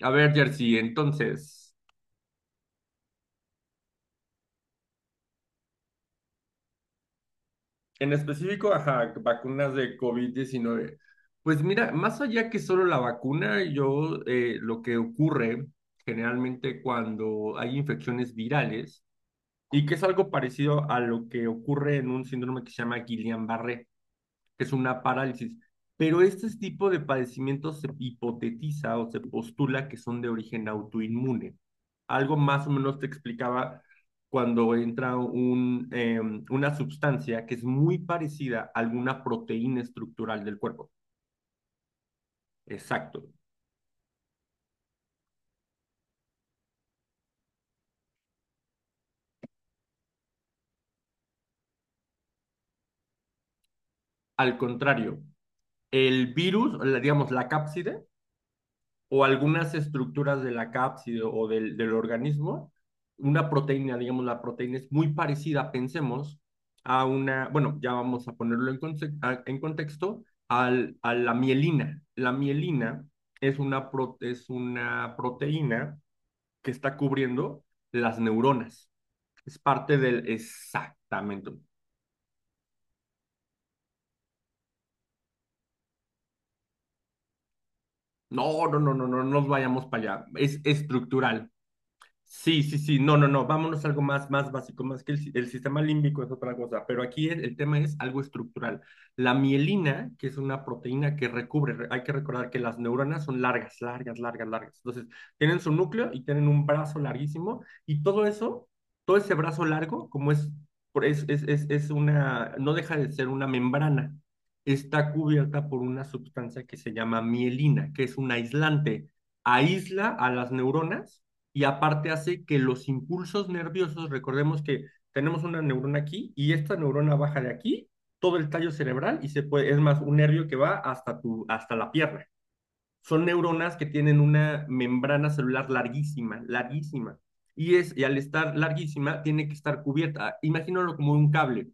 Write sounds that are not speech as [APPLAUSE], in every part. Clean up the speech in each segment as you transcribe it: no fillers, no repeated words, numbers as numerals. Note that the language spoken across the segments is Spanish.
A ver, Jersey, entonces, en específico, ajá, vacunas de COVID-19. Pues mira, más allá que solo la vacuna, yo lo que ocurre generalmente cuando hay infecciones virales, y que es algo parecido a lo que ocurre en un síndrome que se llama Guillain-Barré, que es una parálisis. Pero este tipo de padecimientos se hipotetiza o se postula que son de origen autoinmune. Algo más o menos te explicaba cuando entra una sustancia que es muy parecida a alguna proteína estructural del cuerpo. Exacto. Al contrario, el virus, digamos, la cápside, o algunas estructuras de la cápside o del organismo, una proteína, digamos, la proteína es muy parecida, pensemos, a una, bueno, ya vamos a ponerlo en contexto, a la mielina. La mielina es una proteína que está cubriendo las neuronas. Es parte del, exactamente. No, no, no, no, no no nos vayamos para allá. Es estructural. Sí, sí, sí, no, no, no, vámonos a algo más, más básico, más que el, si- el sistema límbico es otra cosa, pero aquí el tema es algo estructural. La mielina, que es una proteína que recubre, hay que recordar que las neuronas son largas, largas, largas, largas. Entonces, tienen su núcleo y tienen un brazo larguísimo y todo eso, todo ese brazo largo, como es, es, es una, no deja de ser una membrana, está cubierta por una sustancia que se llama mielina, que es un aislante, aísla a las neuronas y aparte hace que los impulsos nerviosos, recordemos que tenemos una neurona aquí y esta neurona baja de aquí, todo el tallo cerebral y se puede, es más, un nervio que va hasta, tu, hasta la pierna. Son neuronas que tienen una membrana celular larguísima, larguísima. Y al estar larguísima, tiene que estar cubierta. Imagínalo como un cable.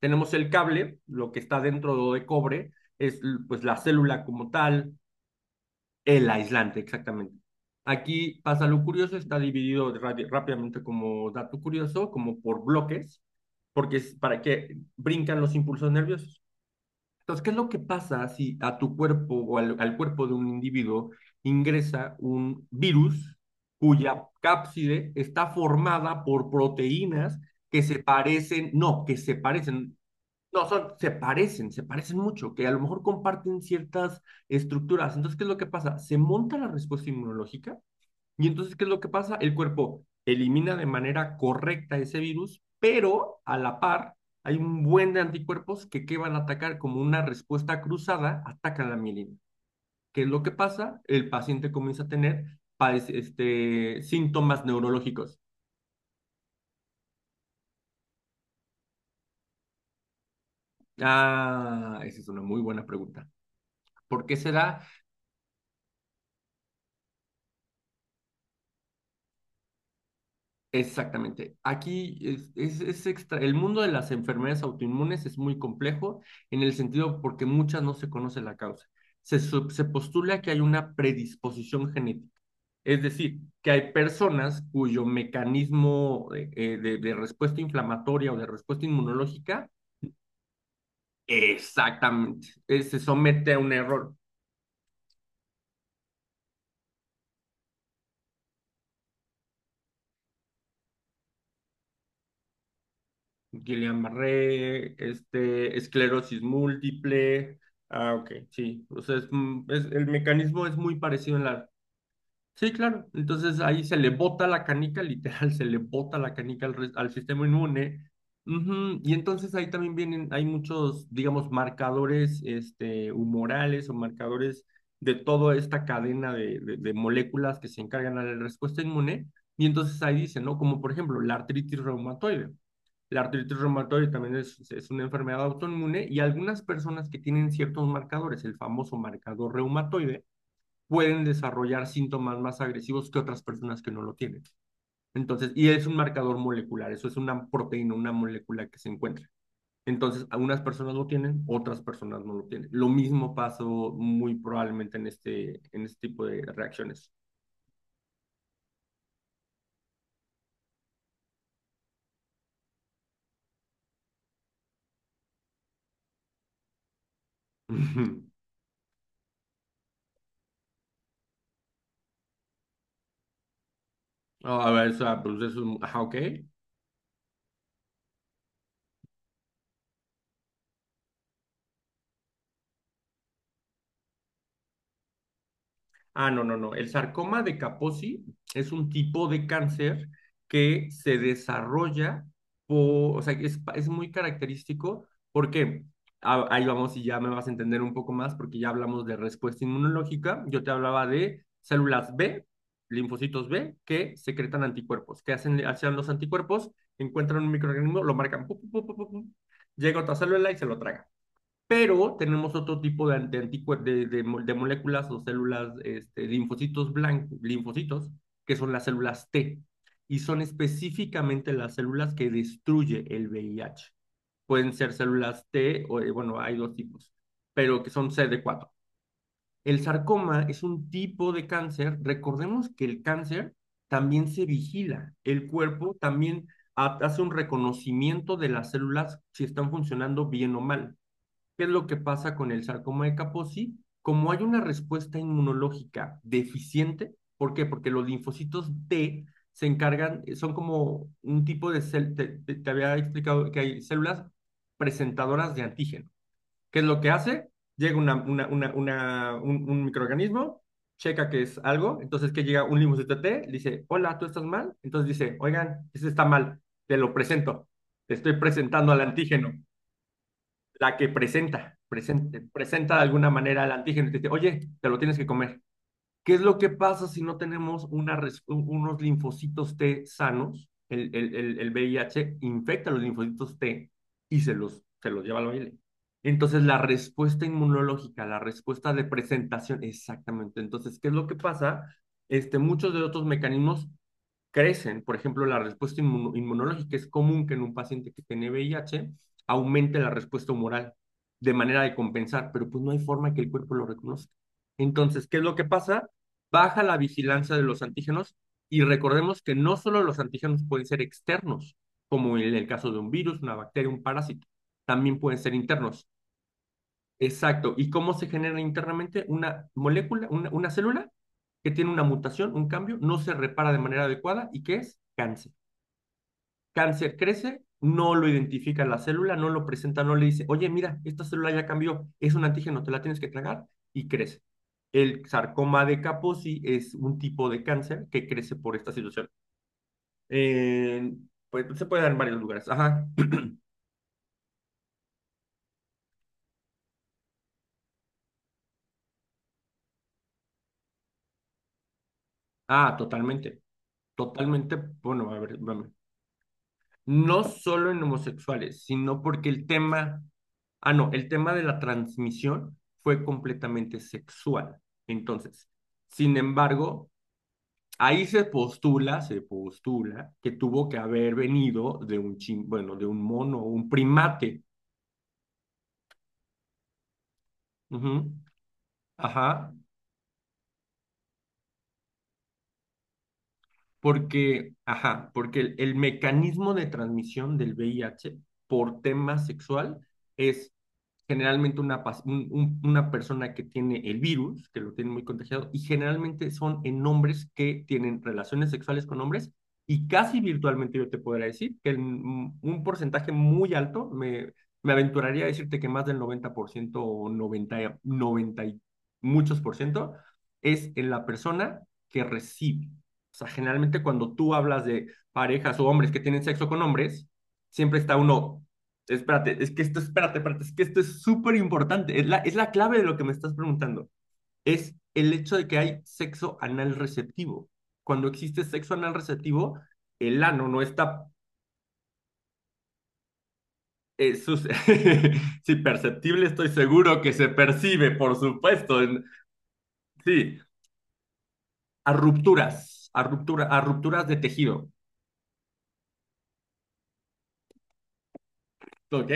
Tenemos el cable, lo que está dentro de cobre, es pues la célula como tal, el aislante, exactamente. Aquí pasa lo curioso, está dividido rápidamente como dato curioso, como por bloques, porque es para que brincan los impulsos nerviosos. Entonces, ¿qué es lo que pasa si a tu cuerpo o al cuerpo de un individuo ingresa un virus cuya cápside está formada por proteínas que se parecen, no, que se parecen, no, son, se parecen mucho, que a lo mejor comparten ciertas estructuras. Entonces, ¿qué es lo que pasa? Se monta la respuesta inmunológica y entonces, ¿qué es lo que pasa? El cuerpo elimina de manera correcta ese virus, pero a la par hay un buen de anticuerpos que van a atacar. Como una respuesta cruzada, atacan la mielina. ¿Qué es lo que pasa? El paciente comienza a tener este, síntomas neurológicos. Ah, esa es una muy buena pregunta. ¿Por qué será? Exactamente. Aquí es extra. El mundo de las enfermedades autoinmunes es muy complejo en el sentido porque muchas no se conoce la causa. Se se postula que hay una predisposición genética, es decir, que hay personas cuyo mecanismo de respuesta inflamatoria o de respuesta inmunológica exactamente se somete a un error. Guillain-Barré, este, esclerosis múltiple. Ah, ok, sí. O sea, el mecanismo es muy parecido en la... Sí, claro. Entonces ahí se le bota la canica, literal, [LAUGHS] se le bota la canica al, al sistema inmune. Ujú. Y entonces ahí también vienen, hay muchos, digamos, marcadores este, humorales o marcadores de toda esta cadena de, de moléculas que se encargan a la respuesta inmune. Y entonces ahí dicen, ¿no? Como por ejemplo la artritis reumatoide. La artritis reumatoide también es una enfermedad autoinmune y algunas personas que tienen ciertos marcadores, el famoso marcador reumatoide, pueden desarrollar síntomas más agresivos que otras personas que no lo tienen. Entonces, y es un marcador molecular, eso es una proteína, una molécula que se encuentra. Entonces, algunas personas lo tienen, otras personas no lo tienen. Lo mismo pasó muy probablemente en este, tipo de reacciones. [LAUGHS] Ah, a ver, o sea, pues eso, ajá, ok. Ah, no, no, no. El sarcoma de Kaposi es un tipo de cáncer que se desarrolla, o sea, que es muy característico porque, ah, ahí vamos y ya me vas a entender un poco más porque ya hablamos de respuesta inmunológica. Yo te hablaba de células B, linfocitos B, que secretan anticuerpos. ¿Qué hacen, hacían los anticuerpos? Encuentran un microorganismo, lo marcan, pu, pu, pu, pu, pu, pu, llega otra célula y se lo traga, pero tenemos otro tipo de, anti- anticuer- de moléculas o células, este, linfocitos blancos, linfocitos, que son las células T, y son específicamente las células que destruye el VIH. Pueden ser células T, o, bueno, hay dos tipos, pero que son CD4. El sarcoma es un tipo de cáncer. Recordemos que el cáncer también se vigila. El cuerpo también hace un reconocimiento de las células si están funcionando bien o mal. ¿Qué es lo que pasa con el sarcoma de Kaposi? Como hay una respuesta inmunológica deficiente, ¿por qué? Porque los linfocitos T se encargan, son como un tipo de te había explicado que hay células presentadoras de antígeno. ¿Qué es lo que hace? Llega un microorganismo, checa que es algo, entonces que llega un linfocito T, dice, hola, ¿tú estás mal? Entonces dice, oigan, este está mal, te lo presento, te estoy presentando al antígeno, la que presenta, presenta de alguna manera el antígeno y te dice, oye, te lo tienes que comer. ¿Qué es lo que pasa si no tenemos una unos linfocitos T sanos? El VIH infecta los linfocitos T y se los lleva al baile. Entonces, la respuesta inmunológica, la respuesta de presentación, exactamente. Entonces, ¿qué es lo que pasa? Este, muchos de otros mecanismos crecen. Por ejemplo, la respuesta inmunológica es común que en un paciente que tiene VIH aumente la respuesta humoral de manera de compensar, pero pues no hay forma que el cuerpo lo reconozca. Entonces, ¿qué es lo que pasa? Baja la vigilancia de los antígenos y recordemos que no solo los antígenos pueden ser externos, como en el caso de un virus, una bacteria, un parásito, también pueden ser internos. Exacto. ¿Y cómo se genera internamente una molécula, una célula que tiene una mutación, un cambio, no se repara de manera adecuada y que es cáncer? Cáncer crece, no lo identifica la célula, no lo presenta, no le dice, oye, mira, esta célula ya cambió, es un antígeno, te la tienes que tragar y crece. El sarcoma de Kaposi es un tipo de cáncer que crece por esta situación. Eh, pues se puede dar en varios lugares. Ajá. [CLEARS THROAT] Ah, totalmente. Totalmente. Bueno, a ver, vamos. No solo en homosexuales, sino porque el tema, ah, no, el tema de la transmisión fue completamente sexual. Entonces, sin embargo, ahí se postula que tuvo que haber venido de un bueno, de un mono, un primate. Ujú. Ajá. Porque, ajá, porque el mecanismo de transmisión del VIH por tema sexual es generalmente una, una persona que tiene el virus, que lo tiene muy contagiado, y generalmente son en hombres que tienen relaciones sexuales con hombres, y casi virtualmente yo te podría decir que en un porcentaje muy alto, me aventuraría a decirte que más del 90% o 90, 90 y muchos por ciento, es en la persona que recibe. O sea, generalmente cuando tú hablas de parejas o hombres que tienen sexo con hombres, siempre está uno, espérate, es que esto, espérate, espérate, es que esto es súper importante, es la clave de lo que me estás preguntando, es el hecho de que hay sexo anal receptivo. Cuando existe sexo anal receptivo, el ano no está... eh, sus- [LAUGHS] sí, perceptible, estoy seguro que se percibe, por supuesto. En... Sí, a rupturas, a ruptura, a rupturas de tejido. ¿Ok?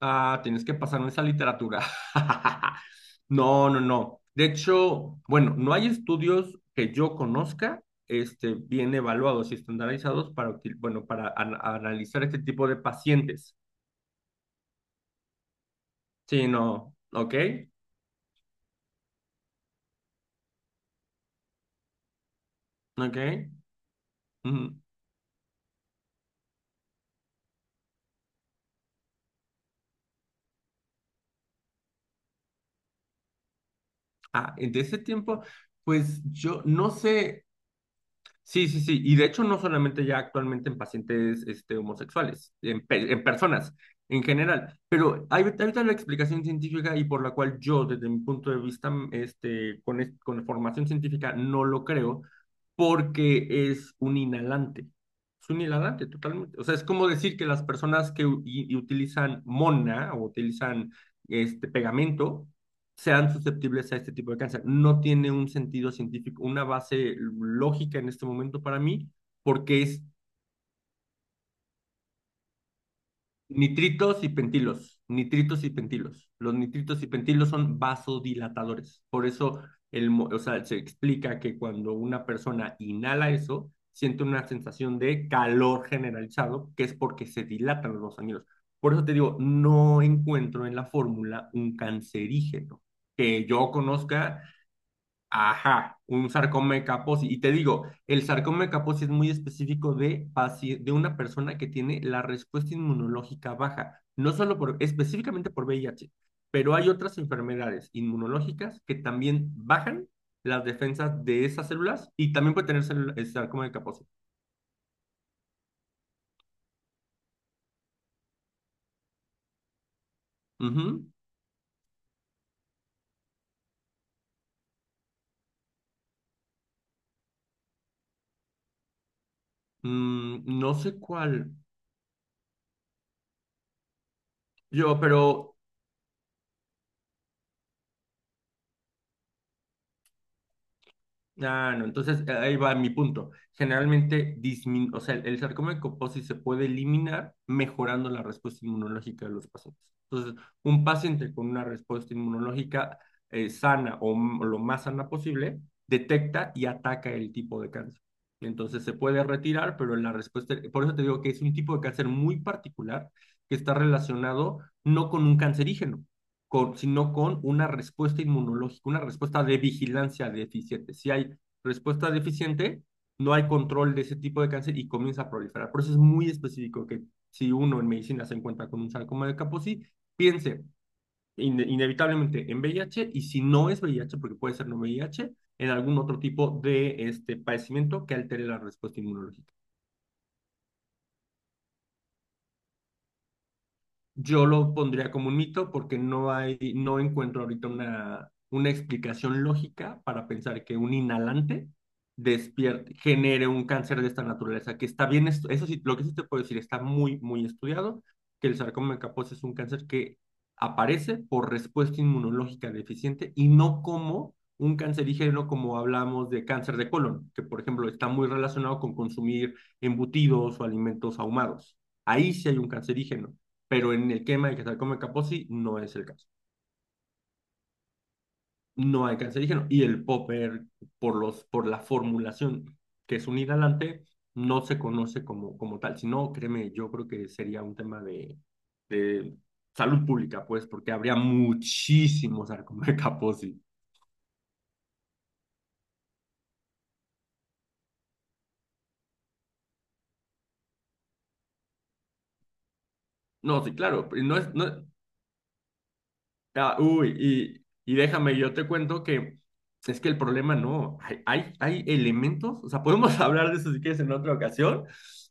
Ah, tienes que pasarme esa literatura. [LAUGHS] No, no, no. De hecho, bueno, no hay estudios que yo conozca, este, bien evaluados y estandarizados para, bueno, para analizar este tipo de pacientes. Sí, no, ok, ok. Ujú. Ah, en ese tiempo, pues yo no sé. Sí, sí, sí. Y de hecho, no solamente ya actualmente en pacientes este, homosexuales, en, en personas en general. Pero hay ahorita la explicación científica y por la cual yo, desde mi punto de vista, mm, este, con, con formación científica, no lo creo, porque es un inhalante. Es un inhalante totalmente. O sea, es como decir que las personas que y utilizan mona o utilizan este pegamento sean susceptibles a este tipo de cáncer. No tiene un sentido científico, una base lógica en este momento para mí, porque es nitritos y pentilos, nitritos y pentilos. Los nitritos y pentilos son vasodilatadores. Por eso o sea, se explica que cuando una persona inhala eso, siente una sensación de calor generalizado, que es porque se dilatan los ganglios. Por eso te digo, no encuentro en la fórmula un cancerígeno que yo conozca. Ajá, un sarcoma Kaposi. Y te digo, el sarcoma Kaposi es muy específico de una persona que tiene la respuesta inmunológica baja, no solo específicamente por VIH, pero hay otras enfermedades inmunológicas que también bajan las defensas de esas células y también puede tener el sarcoma de Kaposi. Ujú. No sé cuál. Yo, pero Ah, no. Entonces, ahí va mi punto. Generalmente, dismin o sea, el sarcoma de Kaposi se puede eliminar mejorando la respuesta inmunológica de los pacientes. Entonces, un paciente con una respuesta inmunológica sana o lo más sana posible, detecta y ataca el tipo de cáncer. Entonces, se puede retirar, pero por eso te digo que es un tipo de cáncer muy particular que está relacionado no con un cancerígeno sino con una respuesta inmunológica, una respuesta de vigilancia deficiente. Si hay respuesta deficiente, no hay control de ese tipo de cáncer y comienza a proliferar. Por eso es muy específico que si uno en medicina se encuentra con un sarcoma de Kaposi, piense in inevitablemente en VIH, y si no es VIH, porque puede ser no VIH, en algún otro tipo de este padecimiento que altere la respuesta inmunológica. Yo lo pondría como un mito porque no hay, no encuentro ahorita una explicación lógica para pensar que un inhalante despierte, genere un cáncer de esta naturaleza. Que está bien, eso sí, lo que sí te puedo decir, está muy, muy estudiado, que el sarcoma de Kaposi es un cáncer que aparece por respuesta inmunológica deficiente y no como un cancerígeno, como hablamos de cáncer de colon, que por ejemplo está muy relacionado con consumir embutidos o alimentos ahumados. Ahí sí hay un cancerígeno, pero en el quema de que tal como el Kaposi no es el caso. No hay cancerígeno. Y el popper, por la formulación, que es un inhalante, no se conoce como tal. Si no, créeme, yo creo que sería un tema de salud pública, pues, porque habría muchísimos sarcomecaposis. No, sí, claro, no es, no. Ah, uy, y déjame, yo te cuento que es que el problema no, hay elementos, o sea, podemos [LAUGHS] hablar de eso si quieres en otra ocasión,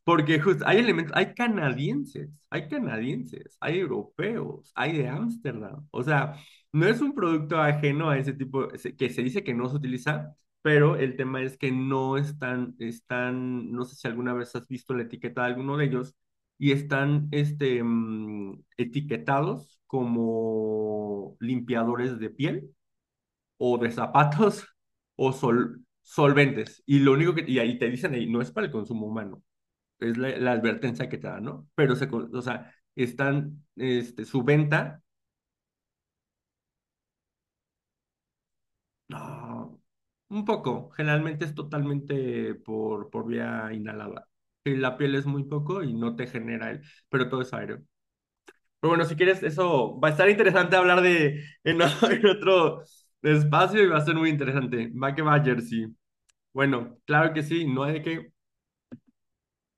porque justo hay elementos, hay canadienses, hay europeos, hay de Ámsterdam. O sea, no es un producto ajeno a ese tipo, que se dice que no se utiliza, pero el tema es que no están, están, no sé si alguna vez has visto la etiqueta de alguno de ellos y están etiquetados como limpiadores de piel o de zapatos [LAUGHS] o solventes. Y lo único que, y ahí te dicen ahí, no es para el consumo humano, es la advertencia que te dan, ¿no? Pero se, o sea, están, su venta, no, un poco, generalmente es totalmente por, vía inhalada. Y la piel es muy poco y no te genera el, pero todo es aéreo. Pero bueno, si quieres, eso va a estar interesante hablar de [LAUGHS] en otro espacio, y va a ser muy interesante. Va que va, Jersey. Bueno, claro que sí, no hay de qué.